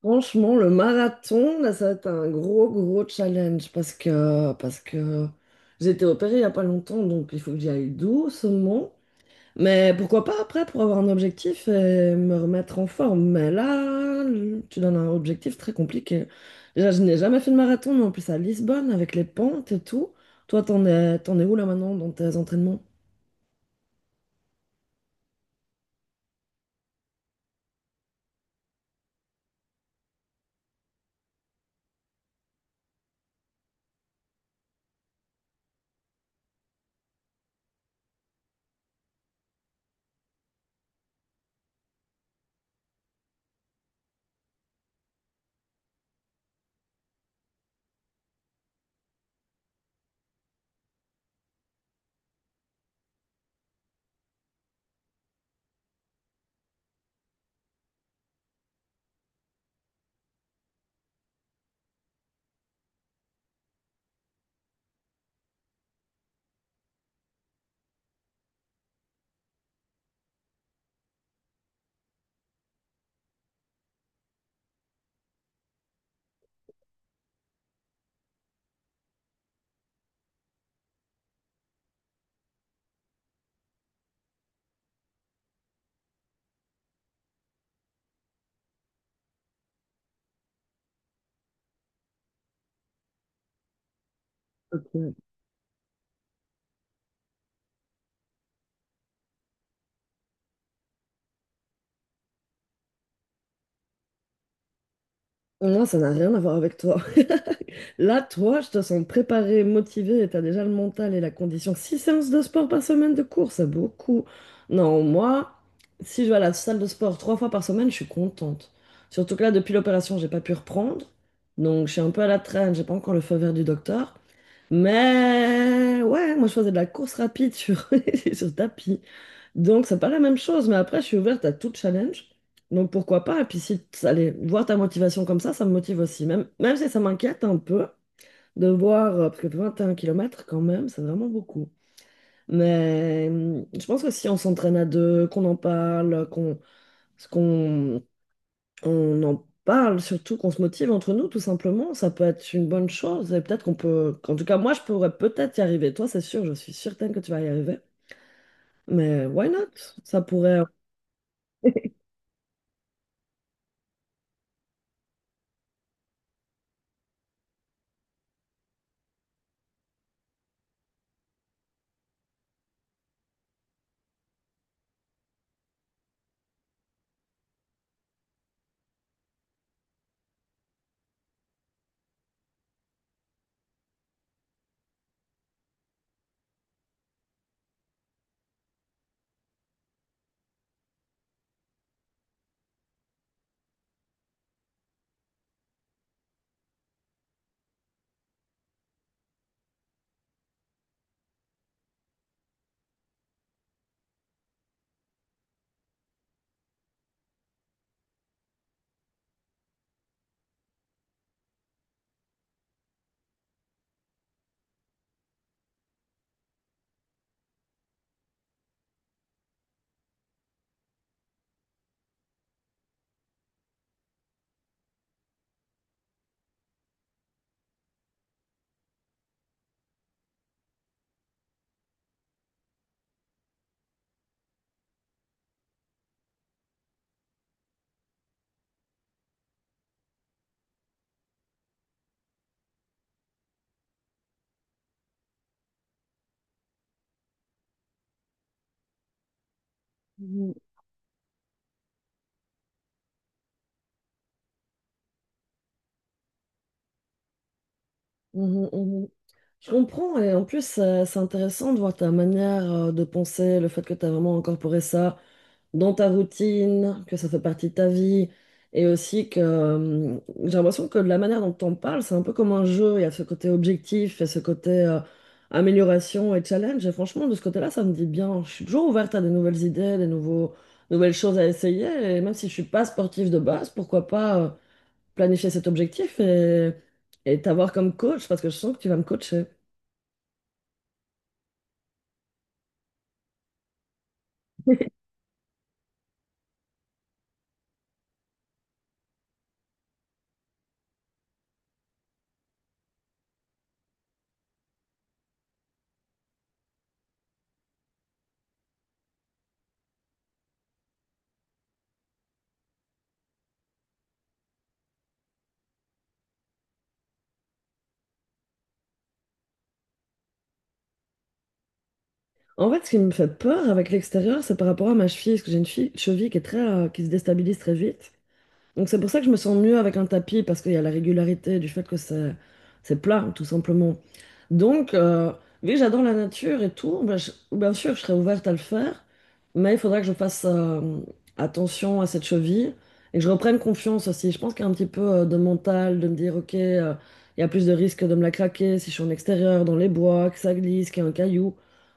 Franchement, le marathon, là, ça va être un gros challenge parce que j'ai été opérée il n'y a pas longtemps, donc il faut que j'y aille doucement. Mais pourquoi pas après pour avoir un objectif et me remettre en forme. Mais là, tu donnes un objectif très compliqué. Déjà, je n'ai jamais fait de marathon, mais en plus à Lisbonne avec les pentes et tout. Toi, t'en es où là maintenant dans tes entraînements? Ok. Oh non, ça n'a rien à voir avec toi. Là, toi, je te sens préparée, motivée, et t'as déjà le mental et la condition. Six séances de sport par semaine de cours, c'est beaucoup. Non, moi, si je vais à la salle de sport trois fois par semaine, je suis contente. Surtout que là, depuis l'opération, j'ai pas pu reprendre. Donc, je suis un peu à la traîne, j'ai pas encore le feu vert du docteur. Mais ouais, moi je faisais de la course rapide sur, sur tapis. Donc c'est pas la même chose, mais après je suis ouverte à tout challenge. Donc pourquoi pas? Et puis si ça allait voir ta motivation comme ça me motive aussi. Même si ça m'inquiète un peu de voir, parce que 21 kilomètres quand même, c'est vraiment beaucoup. Mais je pense que si on s'entraîne à deux, qu'on en parle, qu'on qu'on on en parle, surtout qu'on se motive entre nous, tout simplement. Ça peut être une bonne chose et peut-être qu'on peut. En tout cas, moi, je pourrais peut-être y arriver. Toi, c'est sûr, je suis certaine que tu vas y arriver. Mais why not? Ça pourrait. Mhm, mhm, mhm. Je comprends. Et en plus, c'est intéressant de voir ta manière de penser, le fait que tu as vraiment incorporé ça dans ta routine, que ça fait partie de ta vie, et aussi que j'ai l'impression que la manière dont on parle, c'est un peu comme un jeu, il y a ce côté objectif, il y a ce côté amélioration et challenge, et franchement, de ce côté-là, ça me dit bien, je suis toujours ouverte à des nouvelles idées, nouvelles choses à essayer, et même si je suis pas sportive de base, pourquoi pas planifier cet objectif et t'avoir comme coach, parce que je sens que tu vas me coacher. En fait, ce qui me fait peur avec l'extérieur, c'est par rapport à ma cheville, parce que j'ai une cheville qui est très, qui se déstabilise très vite. Donc c'est pour ça que je me sens mieux avec un tapis, parce qu'il y a la régularité du fait que c'est plat, tout simplement. Donc, vu que j'adore la nature et tout, ben, je- bien sûr, je serais ouverte à le faire, mais il faudra que je fasse attention à cette cheville et que je reprenne confiance aussi. Je pense qu'il y a un petit peu de mental, de me dire, ok, il y a plus de risques de me la craquer si je suis en extérieur, dans les bois, que ça glisse, qu'il y a un caillou.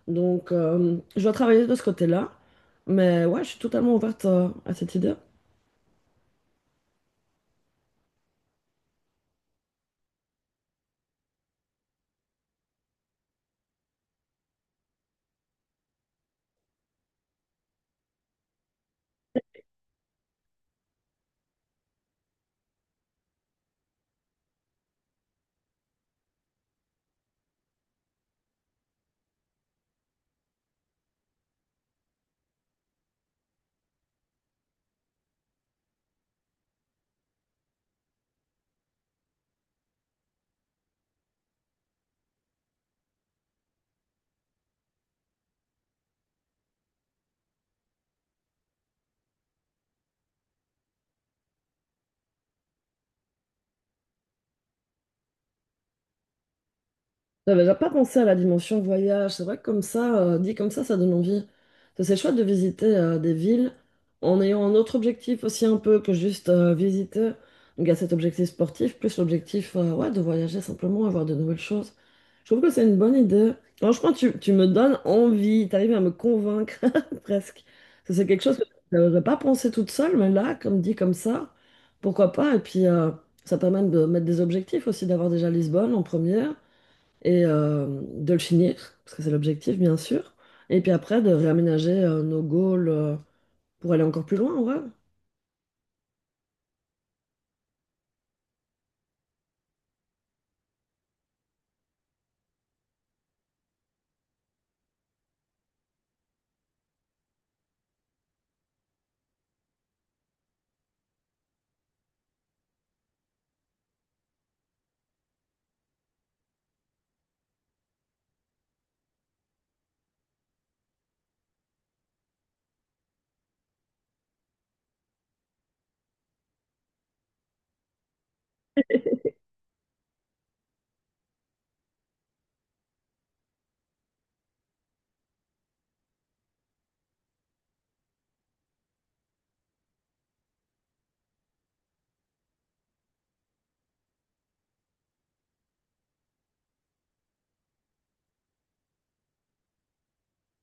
Donc, je dois travailler de ce côté-là, mais ouais, je suis totalement ouverte à cette idée. J'avais déjà pas pensé à la dimension voyage. C'est vrai que comme ça, dit comme ça donne envie. Ça, c'est chouette de visiter des villes en ayant un autre objectif aussi un peu que juste visiter. Donc il y a cet objectif sportif, plus l'objectif ouais, de voyager simplement, avoir de nouvelles choses. Je trouve que c'est une bonne idée. Franchement, tu me donnes envie, tu arrives à me convaincre presque. Ça, c'est quelque chose que je n'aurais pas pensé toute seule, mais là, comme dit comme ça, pourquoi pas. Et puis ça permet de mettre des objectifs aussi, d'avoir déjà Lisbonne en première et de le finir, parce que c'est l'objectif, bien sûr. Et puis après, de réaménager nos goals pour aller encore plus loin, ouais.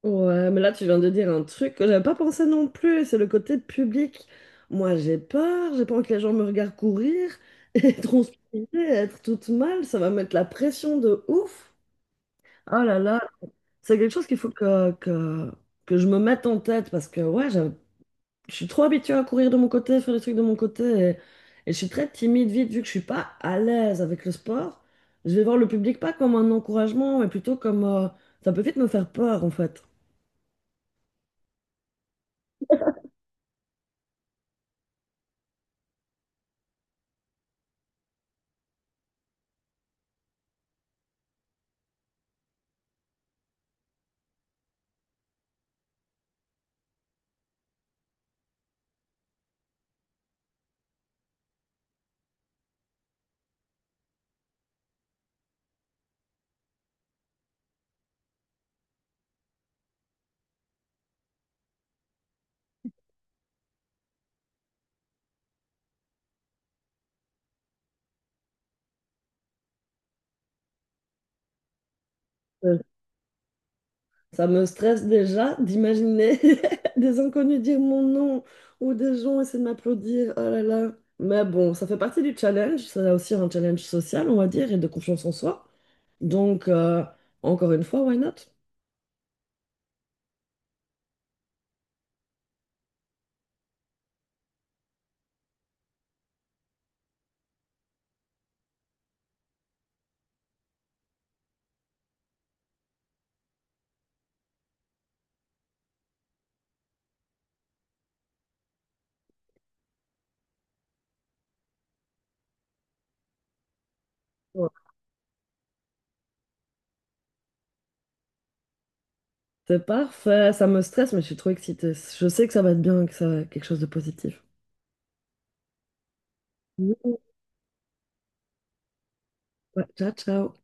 Ouais, mais là, tu viens de dire un truc que j'avais pas pensé non plus, c'est le côté public. Moi, j'ai peur, j'ai pas envie que les gens me regardent courir, et transpirer, être toute mal, ça va mettre la pression de ouf. Oh là là, c'est quelque chose qu'il faut que je me mette en tête, parce que ouais, j'avais je suis trop habituée à courir de mon côté, faire des trucs de mon côté. Et, et je suis très timide vite, vu que je suis pas à l'aise avec le sport. Je vais voir le public pas comme un encouragement, mais plutôt comme. Ça peut vite me faire peur, en fait. Euh, Ça me stresse déjà d'imaginer des inconnus dire mon nom ou des gens essayer de m'applaudir. Oh là là. Mais bon, ça fait partie du challenge. C'est aussi un challenge social, on va dire, et de confiance en soi. Donc, encore une fois, why not? Ouais. C'est parfait, ça me stresse, mais je suis trop excitée. Je sais que ça va être bien, que ça va être quelque chose de positif. Ouais, ciao, ciao.